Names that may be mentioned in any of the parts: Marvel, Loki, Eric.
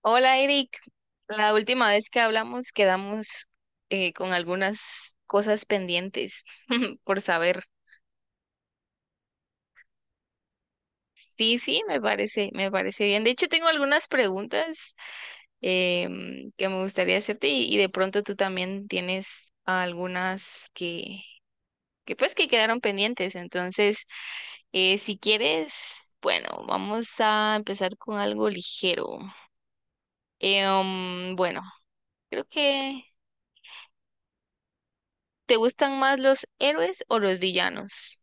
Hola Eric, la última vez que hablamos quedamos con algunas cosas pendientes por saber. Sí, sí, me parece bien. De hecho, tengo algunas preguntas que me gustaría hacerte y de pronto tú también tienes algunas que quedaron pendientes. Entonces, si quieres, bueno, vamos a empezar con algo ligero. Bueno, creo que ¿Te gustan más los héroes o los villanos?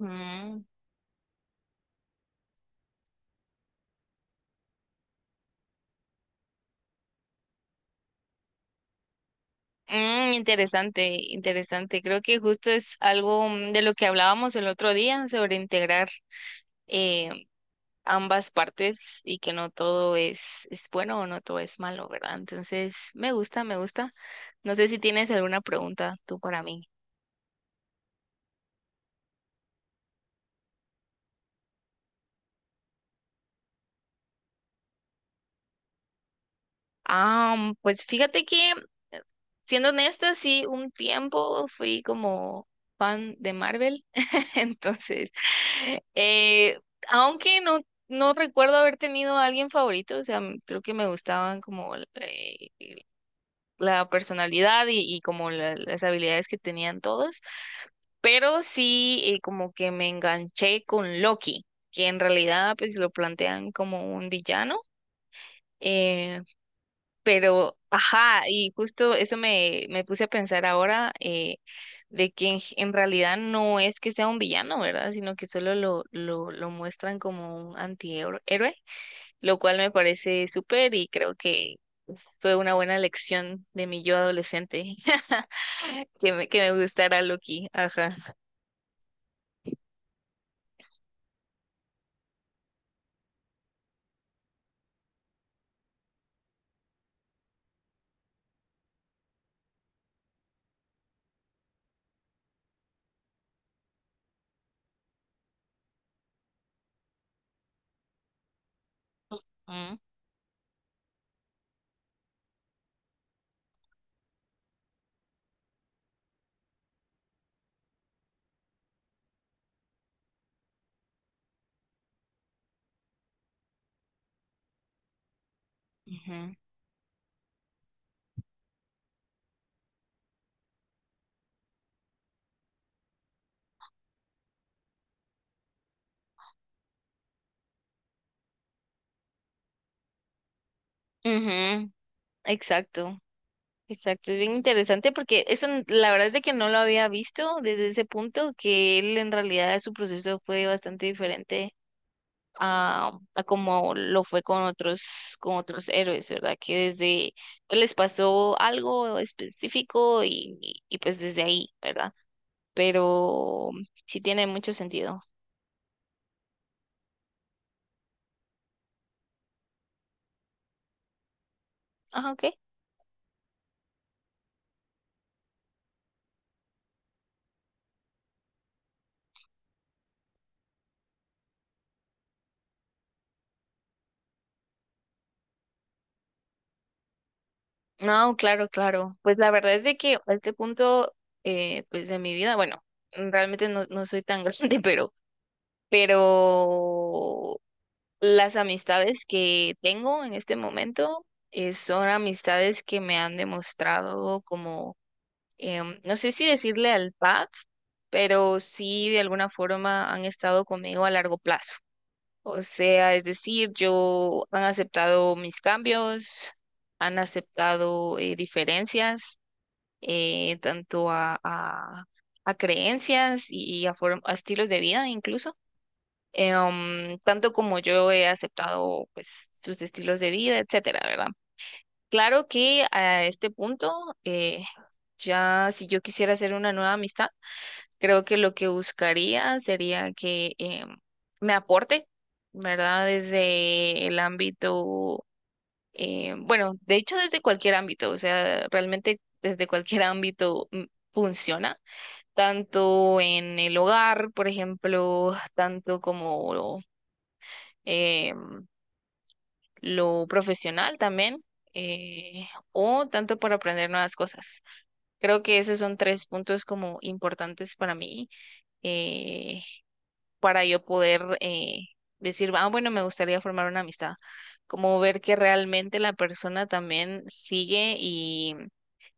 Mm. Mm, interesante. Creo que justo es algo de lo que hablábamos el otro día sobre integrar eh, ambas partes y que no todo es bueno o no todo es malo, ¿verdad? Entonces, me gusta. No sé si tienes alguna pregunta tú para mí. Ah, pues fíjate que, siendo honesta, sí, un tiempo fui como fan de Marvel, entonces, eh, aunque no, no recuerdo haber tenido a alguien favorito, o sea, creo que me gustaban como la personalidad y como las habilidades que tenían todos, pero sí, como que me enganché con Loki, que en realidad pues lo plantean como un villano. eh, ajá, y justo eso me puse a pensar ahora, de que en realidad no es que sea un villano, ¿verdad? Sino que solo lo muestran como un héroe, lo cual me parece súper y creo que fue una buena lección de mi yo adolescente, que que me gustara Loki, ajá. Mm, ujú. Ujú. Exacto. Exacto, es bien interesante porque eso la verdad es de que no lo había visto desde ese punto, que él en realidad su proceso fue bastante diferente a como lo fue con con otros héroes, ¿verdad? Que desde pues, les pasó algo específico pues desde ahí, ¿verdad? Pero sí tiene mucho sentido. Ah, ok. No, claro, claro. Pues la verdad es de que a este punto, pues de mi vida, bueno, realmente no soy tan grande, pero pero las amistades que tengo en este momento, son amistades que me han demostrado como, no sé si decirle al lealtad, pero sí de alguna forma han estado conmigo a largo plazo. O sea, es decir, yo han aceptado mis cambios, han aceptado, diferencias, eh, tanto a, a, a creencias y a estilos de vida incluso, tanto como yo he aceptado pues sus estilos de vida, etcétera, ¿verdad? Claro que a este punto, eh, ya si yo quisiera hacer una nueva amistad, creo que lo que buscaría sería que, me aporte, ¿verdad? Desde el ámbito, bueno, de hecho desde cualquier ámbito, o sea, realmente desde cualquier ámbito, funciona, tanto en el hogar, por ejemplo, tanto como eh, lo profesional también, eh, o tanto por aprender nuevas cosas. Creo que esos son tres puntos como importantes para mí, eh, para yo poder, decir, ah, bueno, me gustaría formar una amistad, como ver que realmente la persona también sigue y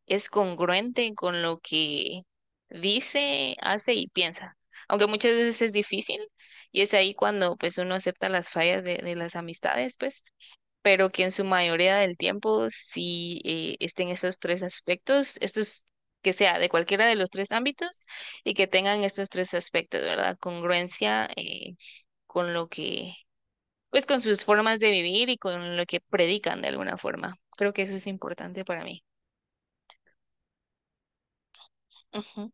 es congruente con lo que dice, hace y piensa. Aunque muchas veces es difícil y es ahí cuando pues uno acepta las fallas de las amistades, pues pero que en su mayoría del tiempo sí, estén esos tres aspectos, estos que sea de cualquiera de los tres ámbitos y que tengan estos tres aspectos, ¿verdad? Congruencia, con lo que, pues con sus formas de vivir y con lo que predican de alguna forma. Creo que eso es importante para mí. Ujú.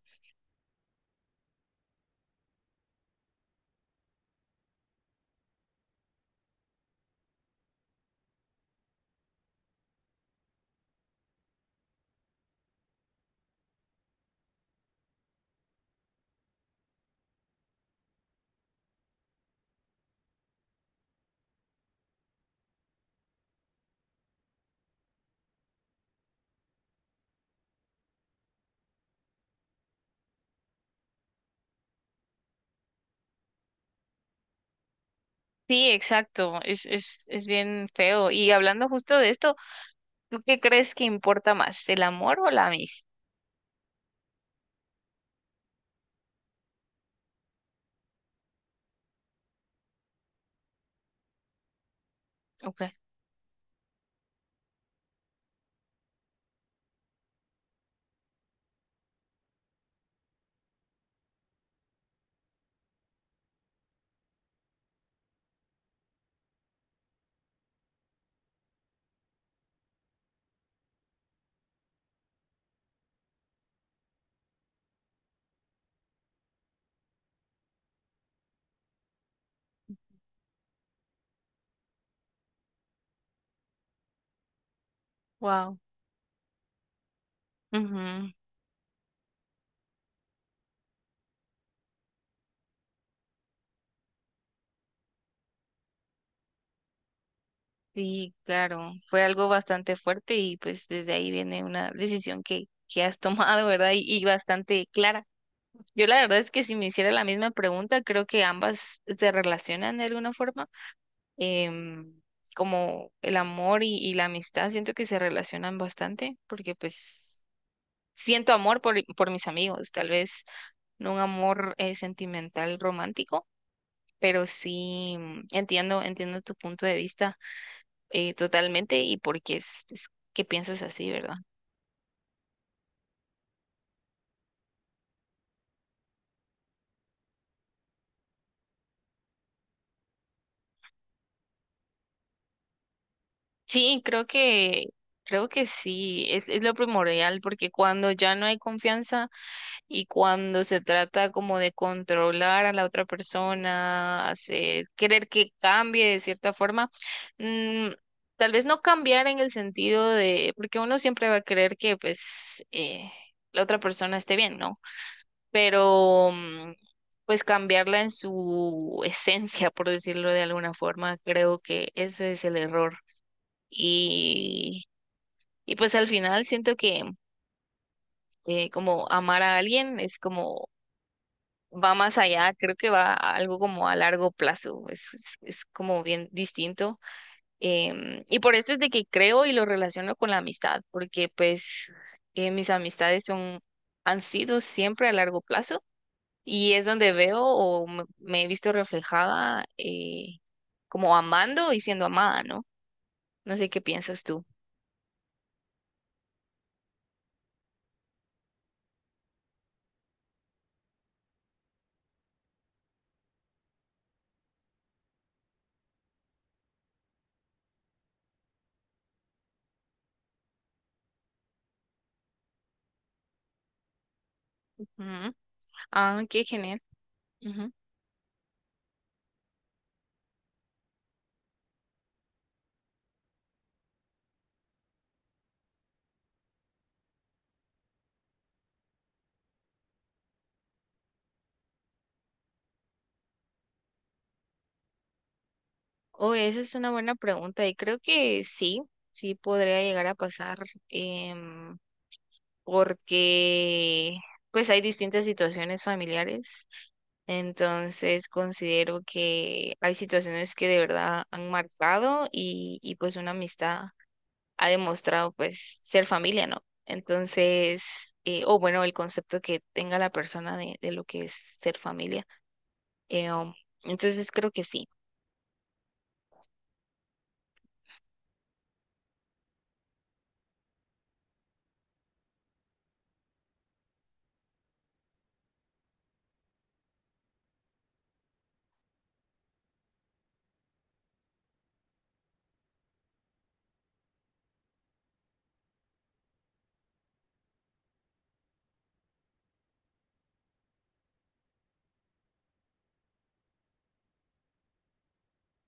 Sí, exacto, es bien feo. Y hablando justo de esto, ¿tú qué crees que importa más, el amor o la amistad? Okay. Wow. Sí, claro, fue algo bastante fuerte y pues desde ahí viene una decisión que has tomado, ¿verdad? Y bastante clara. Yo la verdad es que si me hiciera la misma pregunta, creo que ambas se relacionan de alguna forma. Em, como el amor y la amistad, siento que se relacionan bastante porque pues siento amor por mis amigos, tal vez no un amor, sentimental romántico, pero sí, entiendo tu punto de vista, totalmente y porque es que piensas así, ¿verdad? Sí, creo que sí, es lo primordial, porque cuando ya no hay confianza y cuando se trata como de controlar a la otra persona, hacer, querer que cambie de cierta forma, mm, tal vez no cambiar en el sentido de, porque uno siempre va a querer que pues, la otra persona esté bien, ¿no? Pero, pues cambiarla en su esencia, por decirlo de alguna forma, creo que ese es el error. Y, y pues al final siento que, como amar a alguien es como va más allá, creo que va a algo como a largo plazo, es como bien distinto. Y por eso es de que creo y lo relaciono con la amistad, porque pues, mis amistades son, han sido siempre a largo plazo. Y es donde veo o me he visto reflejada, como amando y siendo amada, ¿no? No sé qué piensas tú. Ujú. Ah, qué genial. Ujú. Oh, esa es una buena pregunta y creo que sí, sí podría llegar a pasar, em, porque pues hay distintas situaciones familiares. Entonces considero que hay situaciones que de verdad han marcado y pues una amistad ha demostrado pues ser familia, ¿no? Entonces, o bueno, el concepto que tenga la persona de lo que es ser familia. Eh, um, entonces, pues, creo que sí.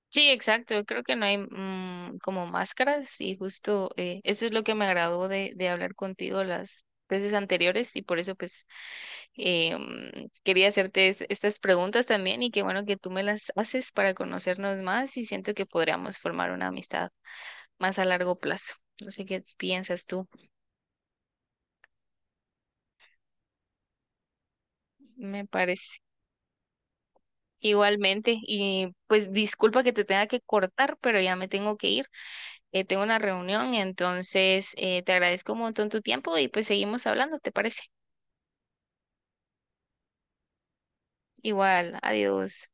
Sí, exacto. Creo que no hay, como máscaras y justo, eso es lo que me agradó de hablar contigo las veces anteriores y por eso pues, quería hacerte estas preguntas también y qué bueno que tú me las haces para conocernos más y siento que podríamos formar una amistad más a largo plazo. No sé qué piensas tú. Me parece. Igualmente, y pues disculpa que te tenga que cortar, pero ya me tengo que ir. Tengo una reunión, entonces, te agradezco un montón tu tiempo y pues seguimos hablando, ¿te parece? Igual, adiós.